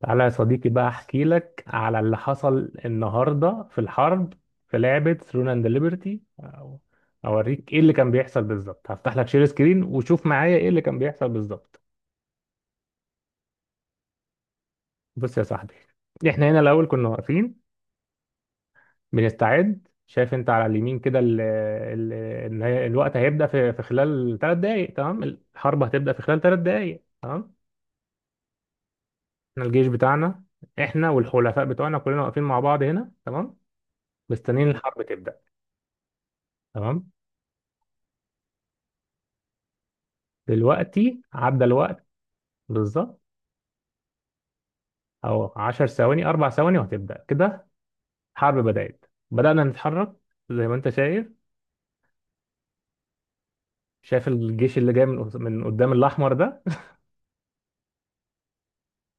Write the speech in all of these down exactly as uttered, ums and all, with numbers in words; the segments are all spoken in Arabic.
تعالى يا صديقي بقى احكي لك على اللي حصل النهارده في الحرب في لعبة ثرون اند ليبرتي. اوريك ايه اللي كان بيحصل بالظبط، هفتح لك شير سكرين وشوف معايا ايه اللي كان بيحصل بالظبط. بص يا صاحبي، احنا هنا الاول كنا واقفين بنستعد. شايف انت على اليمين كده ال ال ان هي- الوقت هيبدأ في في خلال ثلاث دقايق، تمام؟ الحرب هتبدأ في خلال ثلاث دقايق، تمام. احنا الجيش بتاعنا، احنا والحلفاء بتوعنا كلنا واقفين مع بعض هنا، تمام. مستنيين الحرب تبدأ، تمام. دلوقتي عدى الوقت بالظبط. او عشر ثواني اربع ثواني وهتبدا كده. حرب بدات، بدانا نتحرك زي ما انت شايف. شايف الجيش اللي جاي من قص- من قدام، الاحمر ده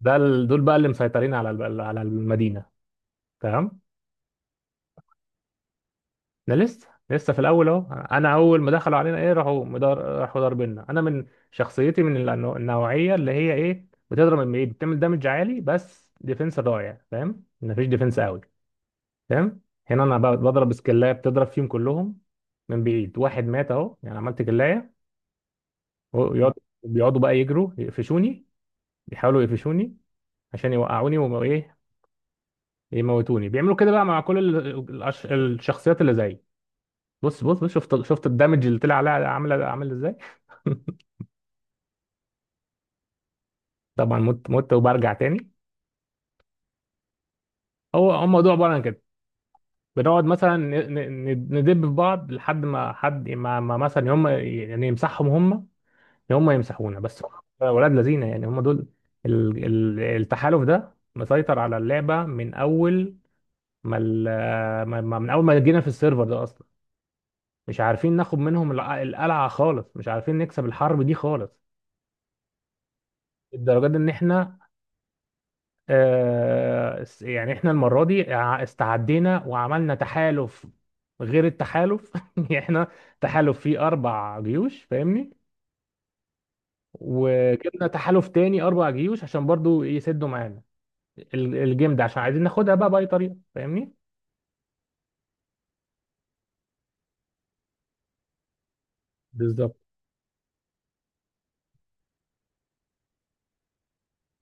ده ال- دول بقى اللي مسيطرين على ال- على المدينه، تمام. ده لسه لسه في الاول اهو. انا اول ما دخلوا علينا ايه راحوا مدار، راحوا ضاربينا. انا من شخصيتي من النوع- النوعيه اللي هي ايه بتضرب من بعيد، بتعمل دامج عالي، بس ديفنس ضايع، فاهم؟ مفيش ديفنس قوي، تمام. هنا انا ب- بضرب سكلايه بتضرب فيهم كلهم من بعيد. واحد مات اهو، يعني عملت كلايه. ويقعد- وبيقعدوا بقى يجروا يقفشوني، بيحاولوا يقفشوني عشان يوقعوني وايه، يموتوني. بيعملوا كده بقى مع كل ال- الأش- الشخصيات اللي زيي. بص بص بص شفت شفت الدمج اللي طلع عليها، عامله عامل ازاي. طبعا مت مت وبرجع تاني. هو هو الموضوع عباره عن كده. بنقعد مثلا ن- ن- ندب في بعض لحد ما حد ما, ما مثلا هم يعني يمسحهم هم، يعني هم يمسحونا بس. هم ولاد لذينه، يعني هم دول ال- ال- التحالف ده مسيطر على اللعبه من اول ما ال- ما- ما- من اول ما جينا في السيرفر ده اصلا. مش عارفين ناخد منهم الع- القلعه خالص، مش عارفين نكسب الحرب دي خالص. الدرجات ان احنا آه، س- يعني احنا المره دي ع- استعدينا وعملنا تحالف غير التحالف يعني احنا تحالف فيه اربع جيوش، فاهمني؟ وجبنا تحالف تاني اربع جيوش عشان برضو يسدوا معانا ال- الجيم ده عشان عايزين ناخدها بقى بأي طريقة، فاهمني؟ بالظبط.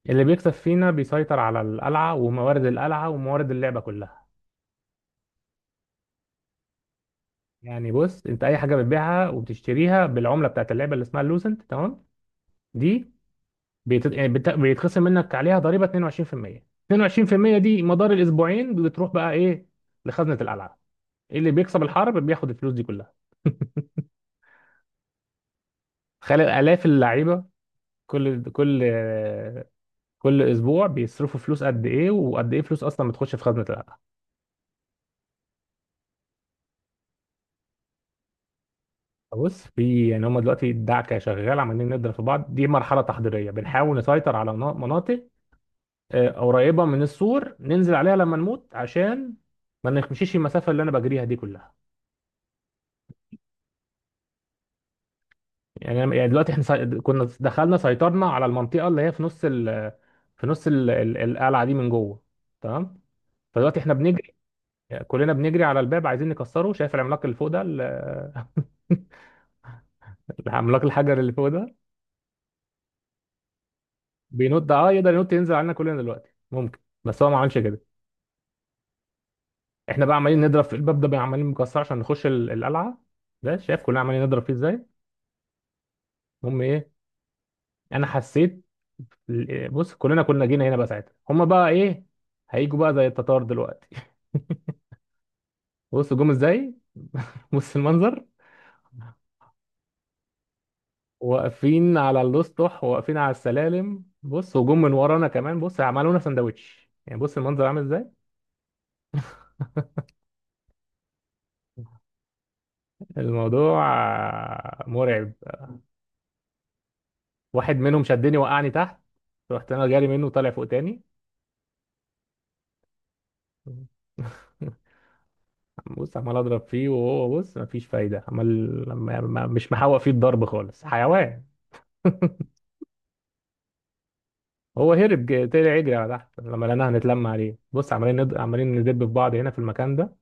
اللي بيكسب فينا بيسيطر على القلعة وموارد القلعة وموارد اللعبة كلها. يعني بص، انت اي حاجة بتبيعها وبتشتريها بالعملة بتاعت اللعبة اللي اسمها اللوسنت، تمام؟ دي بيت... يعني بت... بيتخصم منك عليها ضريبة اثنين وعشرين في المية اثنين وعشرين في المية دي مدار الاسبوعين بتروح بقى ايه لخزنة القلعة. اللي بيكسب الحرب بياخد الفلوس دي كلها. تخيل آلاف اللعيبة، كل كل كل اسبوع بيصرفوا فلوس قد ايه، وقد ايه فلوس اصلا بتخش في خزنة القلعة. بص، في يعني هم دلوقتي الدعكه شغال، عمالين نضرب في بعض. دي مرحله تحضيريه بنحاول نسيطر على منا- مناطق آه، قريبه من السور ننزل عليها لما نموت عشان ما نمشيش المسافه اللي انا بجريها دي كلها. يعني أنا- يعني دلوقتي احنا سي- كنا دخلنا سيطرنا على المنطقه اللي هي في نص ال في نص ال ال- القلعه دي من جوه، تمام. فدلوقتي احنا بنجري، كلنا بنجري على الباب عايزين نكسره. شايف العملاق اللي فوق ده ال- العملاق الحجر اللي فوق ده بينط، اه يقدر ينط ينزل علينا كلنا دلوقتي، ممكن. بس هو ما عملش كده. احنا بقى عمالين نضرب في الباب ده بقى عمالين مكسر عشان نخش ال- القلعه. ده شايف كلنا عمالين نضرب فيه ازاي. المهم ايه، انا حسيت ال- بص كلنا كنا جينا هنا بقى، ساعتها هما بقى ايه، هيجوا بقى زي التتار دلوقتي. بص جم ازاي، بص المنظر. واقفين على الاسطح، واقفين على السلالم، بص وجم من ورانا كمان، بص عملونا سندوتش. يعني بص المنظر عامل ازاي، الموضوع آه، مرعب. واحد منهم شدني وقعني تحت. رحت انا جاري منه طالع فوق تاني. بص عمال اضرب فيه وهو بص مفيش فايده، عمال ما- ما- مش محوق فيه الضرب خالص، حيوان. هو هرب ج- طلع يجري على تحت، لما لقيناها هنتلم عليه بص عمالين ند... عمالين ندب في بعض هنا في المكان ده.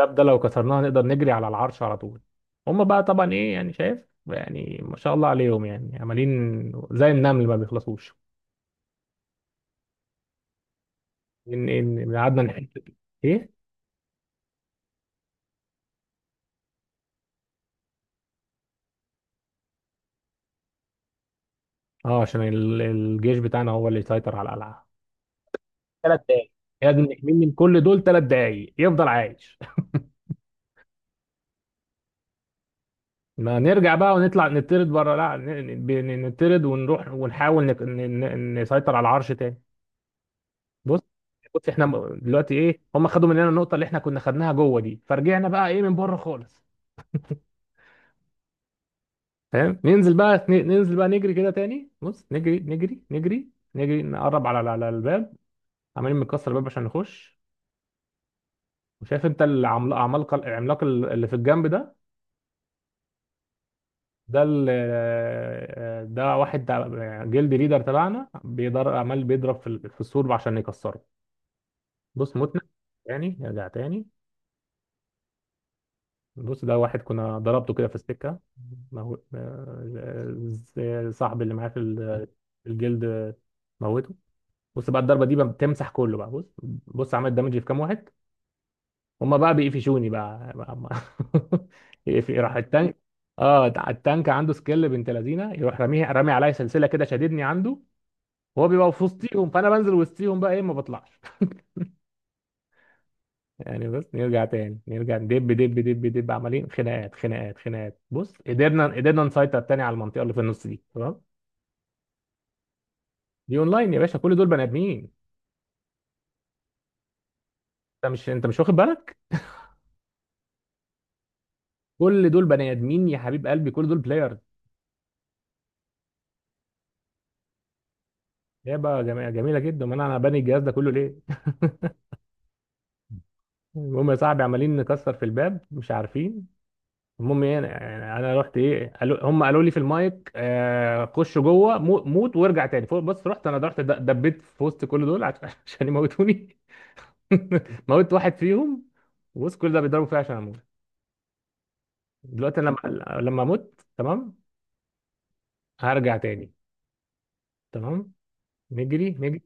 الباب ده لو كسرناه نقدر نجري على العرش على طول. هما بقى طبعا ايه يعني، شايف يعني ما شاء الله عليهم، يعني عمالين زي النمل ما بيخلصوش. ان ان قعدنا نحت ايه. اه عشان ال- الجيش بتاعنا هو اللي يسيطر على القلعه. ثلاث دقايق لازم نحمي من كل دول، ثلاث دقايق يفضل عايش. ما نرجع بقى ونطلع نطرد بره، لا ن- ن- نطرد ونروح ونحاول نك- ن- ن- نسيطر على العرش تاني. بص، بص احنا م- دلوقتي ايه، هم خدوا مننا النقطه اللي احنا كنا خدناها جوه دي، فرجعنا بقى ايه من بره خالص، فاهم؟ ننزل بقى ن- ننزل بقى نجري كده تاني، بص نجري نجري نجري، نجري نقرب على على الباب. عمالين بنكسر الباب عشان نخش. وشايف انت العملاق، العملاق اللي في الجنب ده، ده ال ده واحد تع- جلد ليدر تبعنا بيضر عمال بيضرب في ال- في السور عشان يكسره. بص متنا تاني، ارجع تاني. بص ده واحد كنا ضربته كده في السكة مو... آه، آه، ز- صاحبي اللي معاه في ال- في الجلد موته. بص بقى الضربة دي بقى بتمسح كله بقى، بص، بص عملت دامج في كام واحد. هما بقى بيقفشوني بقى, بقى ما- يقف- راح التانك. اه التانك عنده سكيل بنت لذينه، يروح راميه، رامي عليا سلسله كده شاددني عنده. هو بيبقى في وسطيهم فانا بنزل وسطيهم بقى ايه ما بطلعش. يعني بس نرجع تاني، نرجع دب دب دب دب، عمالين خناقات خناقات خناقات. بص قدرنا قدرنا نسيطر تاني على المنطقه اللي في النص دي، تمام. دي اونلاين يا باشا، كل دول بني ادمين. انت مش انت مش واخد بالك؟ كل دول بني ادمين يا حبيب قلبي، كل دول بلايرز. لعبه جميله جميله جدا، امال انا انا باني الجهاز ده كله ليه. المهم يا صاحبي، عمالين نكسر في الباب، مش عارفين. المهم ايه، انا يعني انا رحت ايه، قالوا هم قالوا لي في المايك آه خش جوه مو- موت وارجع تاني فوق. بس رحت انا رحت د- دبيت في وسط كل دول عش- عشان يموتوني. موت واحد فيهم وسط كل ده بيضربوا فيا عشان اموت. دلوقتي أنا لما لما اموت تمام هرجع تاني، تمام. نجري نجري،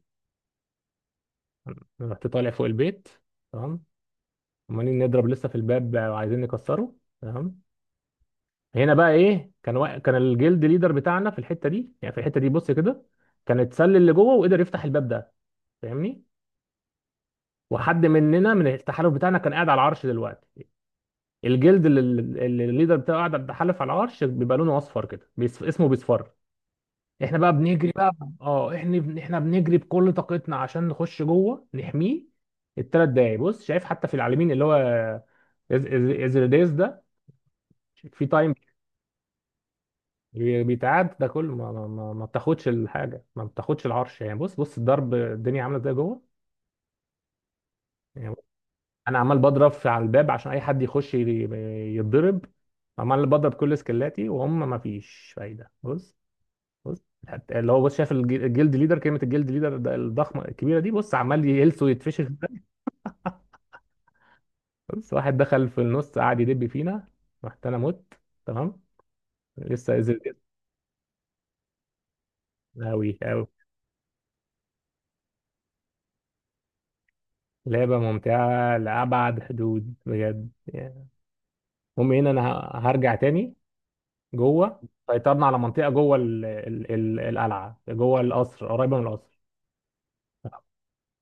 رحت طالع فوق البيت، تمام. عمالين نضرب لسه في الباب وعايزين نكسره، تمام. هنا بقى ايه كان وا... كان الجلد ليدر بتاعنا في الحته دي، يعني في الحته دي بص كده، كان اتسلل اللي جوه وقدر يفتح الباب ده، فاهمني؟ وحد مننا من التحالف بتاعنا كان قاعد على العرش دلوقتي. الجلد اللي اللي الليدر بتاعه قاعد بيتحالف على العرش، بيبقى لونه اصفر كده بيصف... اسمه بيصفر. احنا بقى بنجري بقى. اه احنا بن- احنا بنجري بكل طاقتنا عشان نخش جوه نحميه الثلاث دقايق. بص شايف حتى في العالمين اللي هو إز... إز... ازريديس ده في تايم. بي- بيتعاد ده كله ما, ما, ما ما بتاخدش الحاجه، ما بتاخدش العرش يعني. بص بص الضرب الدنيا عامله ازاي جوه يعني. انا عمال بضرب في على الباب عشان اي حد يخش ي- يتضرب، عمال بضرب كل سكلاتي وهم ما فيش فايده. بص، بص حتى اللي هو بص شايف الج- الجلد ليدر كلمه، الجلد ليدر ده الضخمه الكبيره دي، بص عمال يهلس ويتفشخ. بص واحد دخل في النص قعد يدب فينا. رحت انا مت، تمام، لسه. قوي قوي. لعبه ممتعه لابعد حدود بجد. المهم هنا انا ه- هرجع تاني جوه. سيطرنا على منطقه جوه ال ال ال القلعه جوه القصر قريبه من القصر.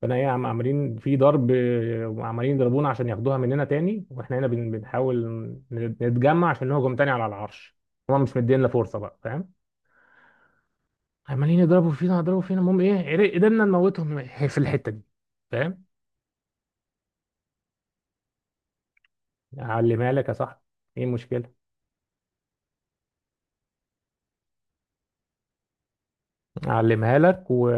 فانا ايه عم عاملين في ضرب آه، عمالين يضربونا عشان ياخدوها مننا تاني، واحنا هنا بن بنحاول ن- نتجمع عشان نهجم تاني على العرش. هما مش مدينا فرصه بقى، فاهم؟ عمالين يضربوا فينا يضربوا فينا. المهم ايه، عرق- قدرنا نموتهم في الحته دي، فاهم؟ علمها لك يا صاحبي، ايه المشكله؟ اعلمها لك و...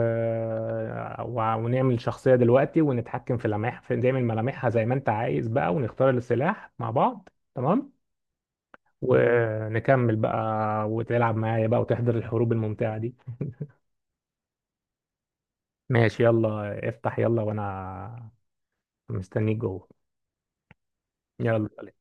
و... ونعمل شخصية دلوقتي ونتحكم في لمح في نعمل ملامحها زي ما انت عايز بقى، ونختار السلاح مع بعض، تمام. ونكمل بقى وتلعب معايا بقى وتحضر الحروب الممتعة دي. ماشي، يلا افتح يلا وانا مستنيك جوه. يلا.